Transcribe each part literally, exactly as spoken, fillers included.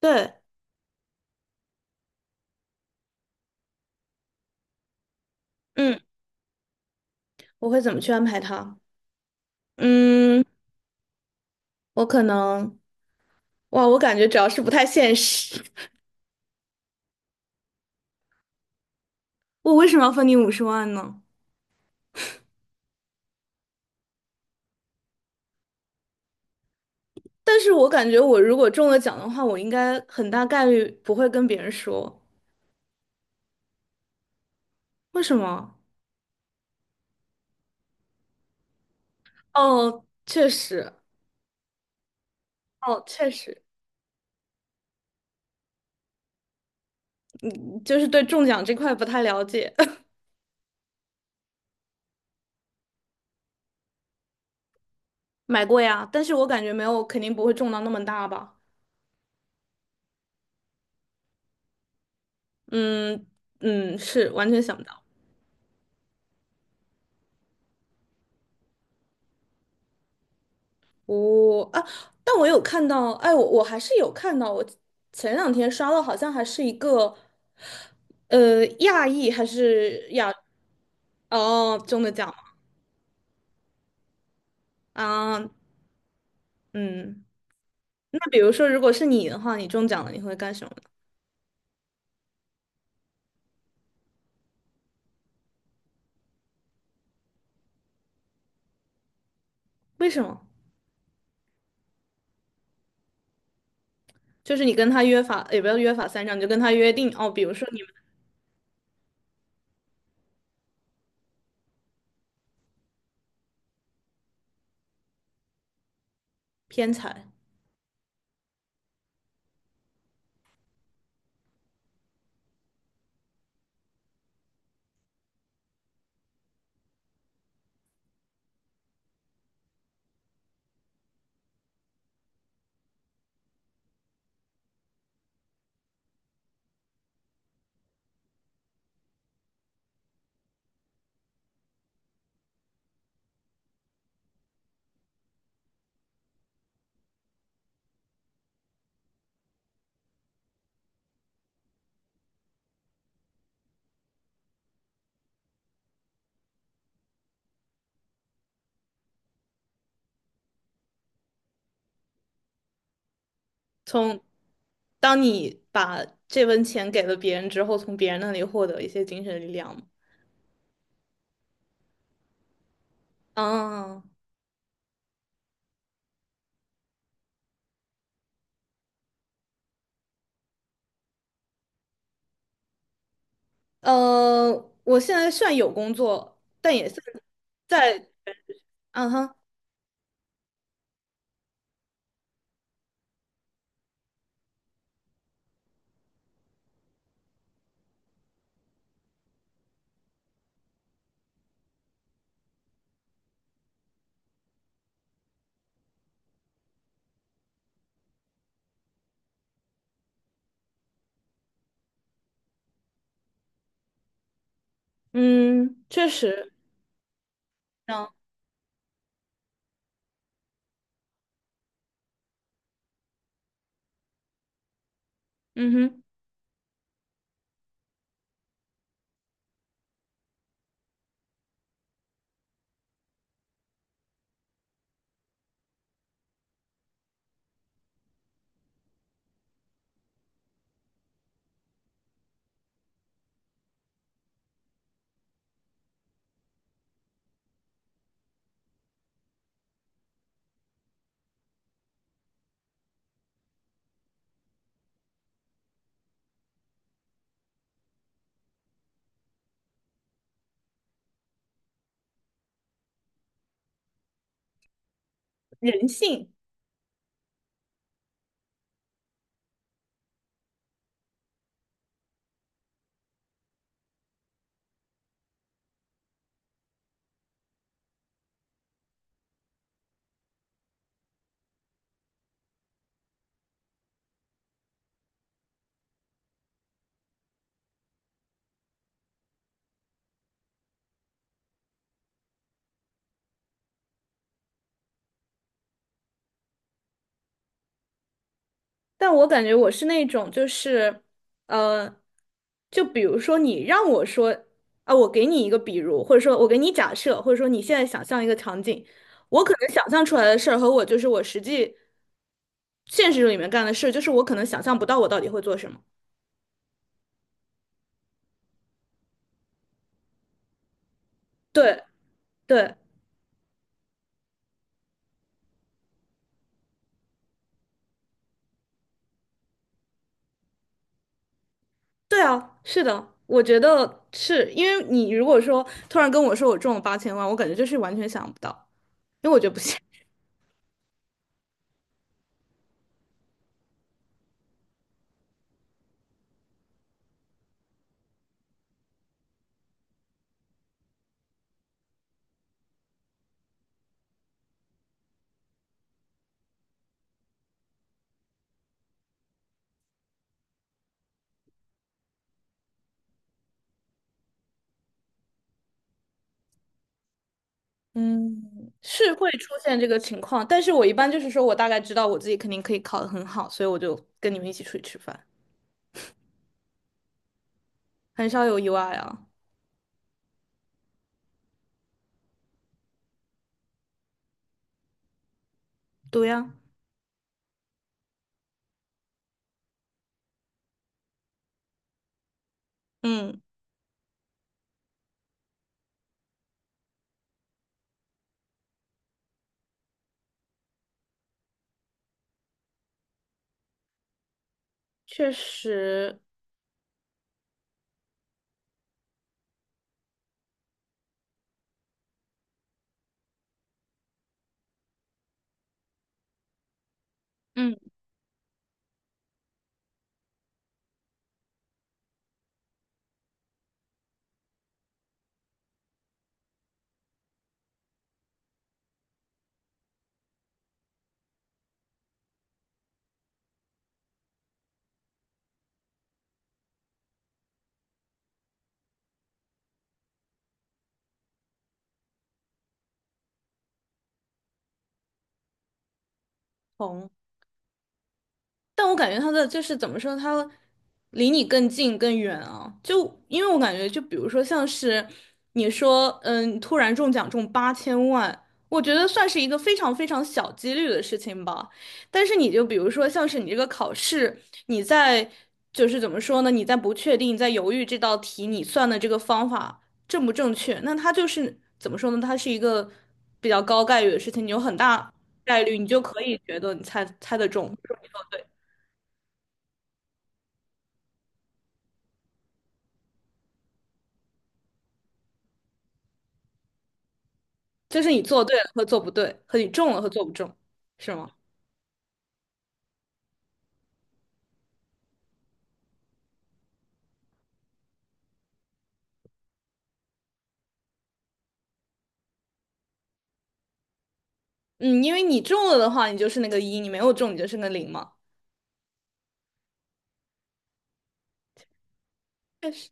对，嗯，我会怎么去安排它？嗯，我可能，哇，我感觉主要是不太现实。我为什么要分你五十万呢？但是我感觉我如果中了奖的话，我应该很大概率不会跟别人说。为什么？哦，确实，哦，确实，就是对中奖这块不太了解。买过呀，但是我感觉没有，肯定不会中到那么大吧。嗯嗯，是完全想不到。哦啊，但我有看到，哎，我我还是有看到，我前两天刷到，好像还是一个，呃，亚裔还是亚，哦，中的奖吗啊，嗯，那比如说，如果是你的话，你中奖了，你会干什么呢？为什么？就是你跟他约法，也不要约法三章，你就跟他约定哦，比如说你们偏财，从当你把这份钱给了别人之后，从别人那里获得一些精神力量嘛。啊。呃，我现在算有工作，但也算在，嗯哼，嗯，确实，嗯嗯哼，人性。但我感觉我是那种，就是，呃，就比如说你让我说啊，我给你一个比如，或者说我给你假设，或者说你现在想象一个场景，我可能想象出来的事儿和我就是我实际现实里面干的事，就是我可能想象不到我到底会做什么。对对。对啊，是的，我觉得是因为你如果说突然跟我说我中了八千万，我感觉就是完全想不到，因为我觉得不行。 嗯，是会出现这个情况，但是我一般就是说我大概知道我自己肯定可以考得很好，所以我就跟你们一起出去吃饭，很少有意外啊。对呀，嗯，确实，嗯，同。但我感觉他的就是怎么说，他离你更近更远啊。就因为我感觉，就比如说像是你说，嗯，突然中奖中八千万，我觉得算是一个非常非常小几率的事情吧。但是你就比如说像是你这个考试，你在就是怎么说呢？你在不确定，在犹豫这道题你算的这个方法正不正确，那它就是怎么说呢？它是一个比较高概率的事情，你有很大概率你就可以觉得你猜猜得中。就是你做对了和做不对，和你中了和做不中，是吗？嗯，因为你中了的话，你就是那个一；你没有中，你就是那个零嘛。确实，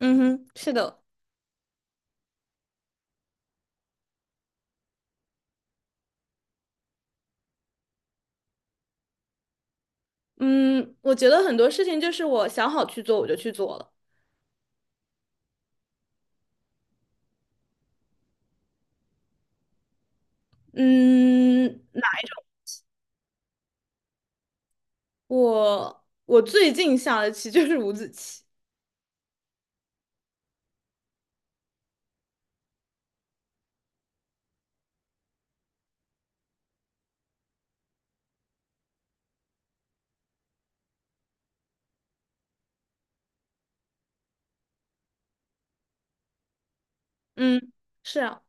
嗯哼，是的，嗯，我觉得很多事情就是我想好去做，我就去做了。嗯，我我最近下的棋就是五子棋。嗯，是啊。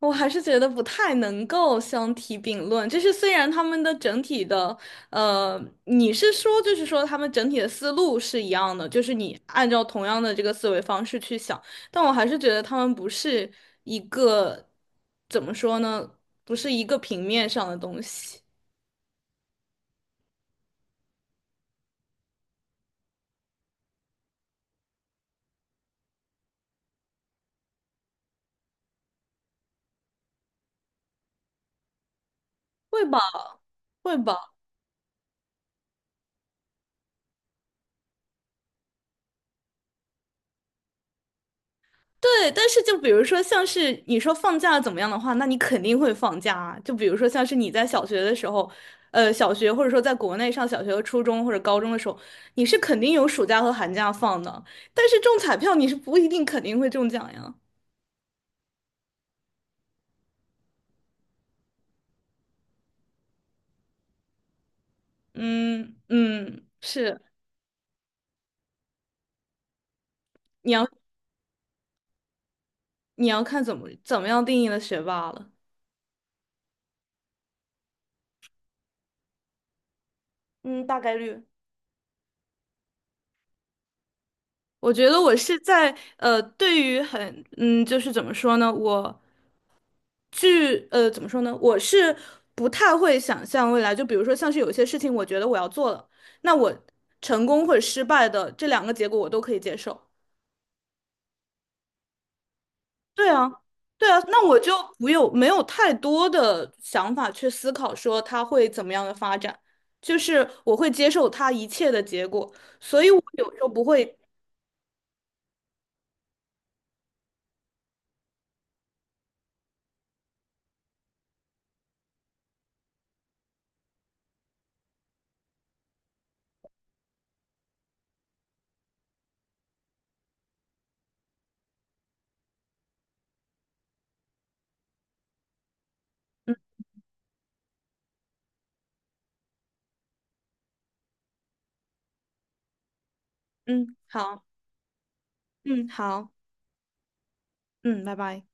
我还是觉得不太能够相提并论，就是虽然他们的整体的，呃，你是说就是说他们整体的思路是一样的，就是你按照同样的这个思维方式去想，但我还是觉得他们不是一个，怎么说呢，不是一个平面上的东西，会吧，会吧。对，但是就比如说，像是你说放假怎么样的话，那你肯定会放假啊。就比如说，像是你在小学的时候，呃，小学或者说在国内上小学和初中或者高中的时候，你是肯定有暑假和寒假放的。但是中彩票你是不一定肯定会中奖呀。嗯嗯，是，你要你要看怎么怎么样定义的学霸了。嗯，大概率。我觉得我是在呃，对于很嗯，就是怎么说呢，我据呃怎么说呢，我是不太会想象未来，就比如说像是有些事情，我觉得我要做了，那我成功或者失败的这两个结果我都可以接受。对啊，对啊，那我就不有没有太多的想法去思考说它会怎么样的发展，就是我会接受它一切的结果，所以我有时候不会，嗯嗯，好，嗯好，嗯，拜拜。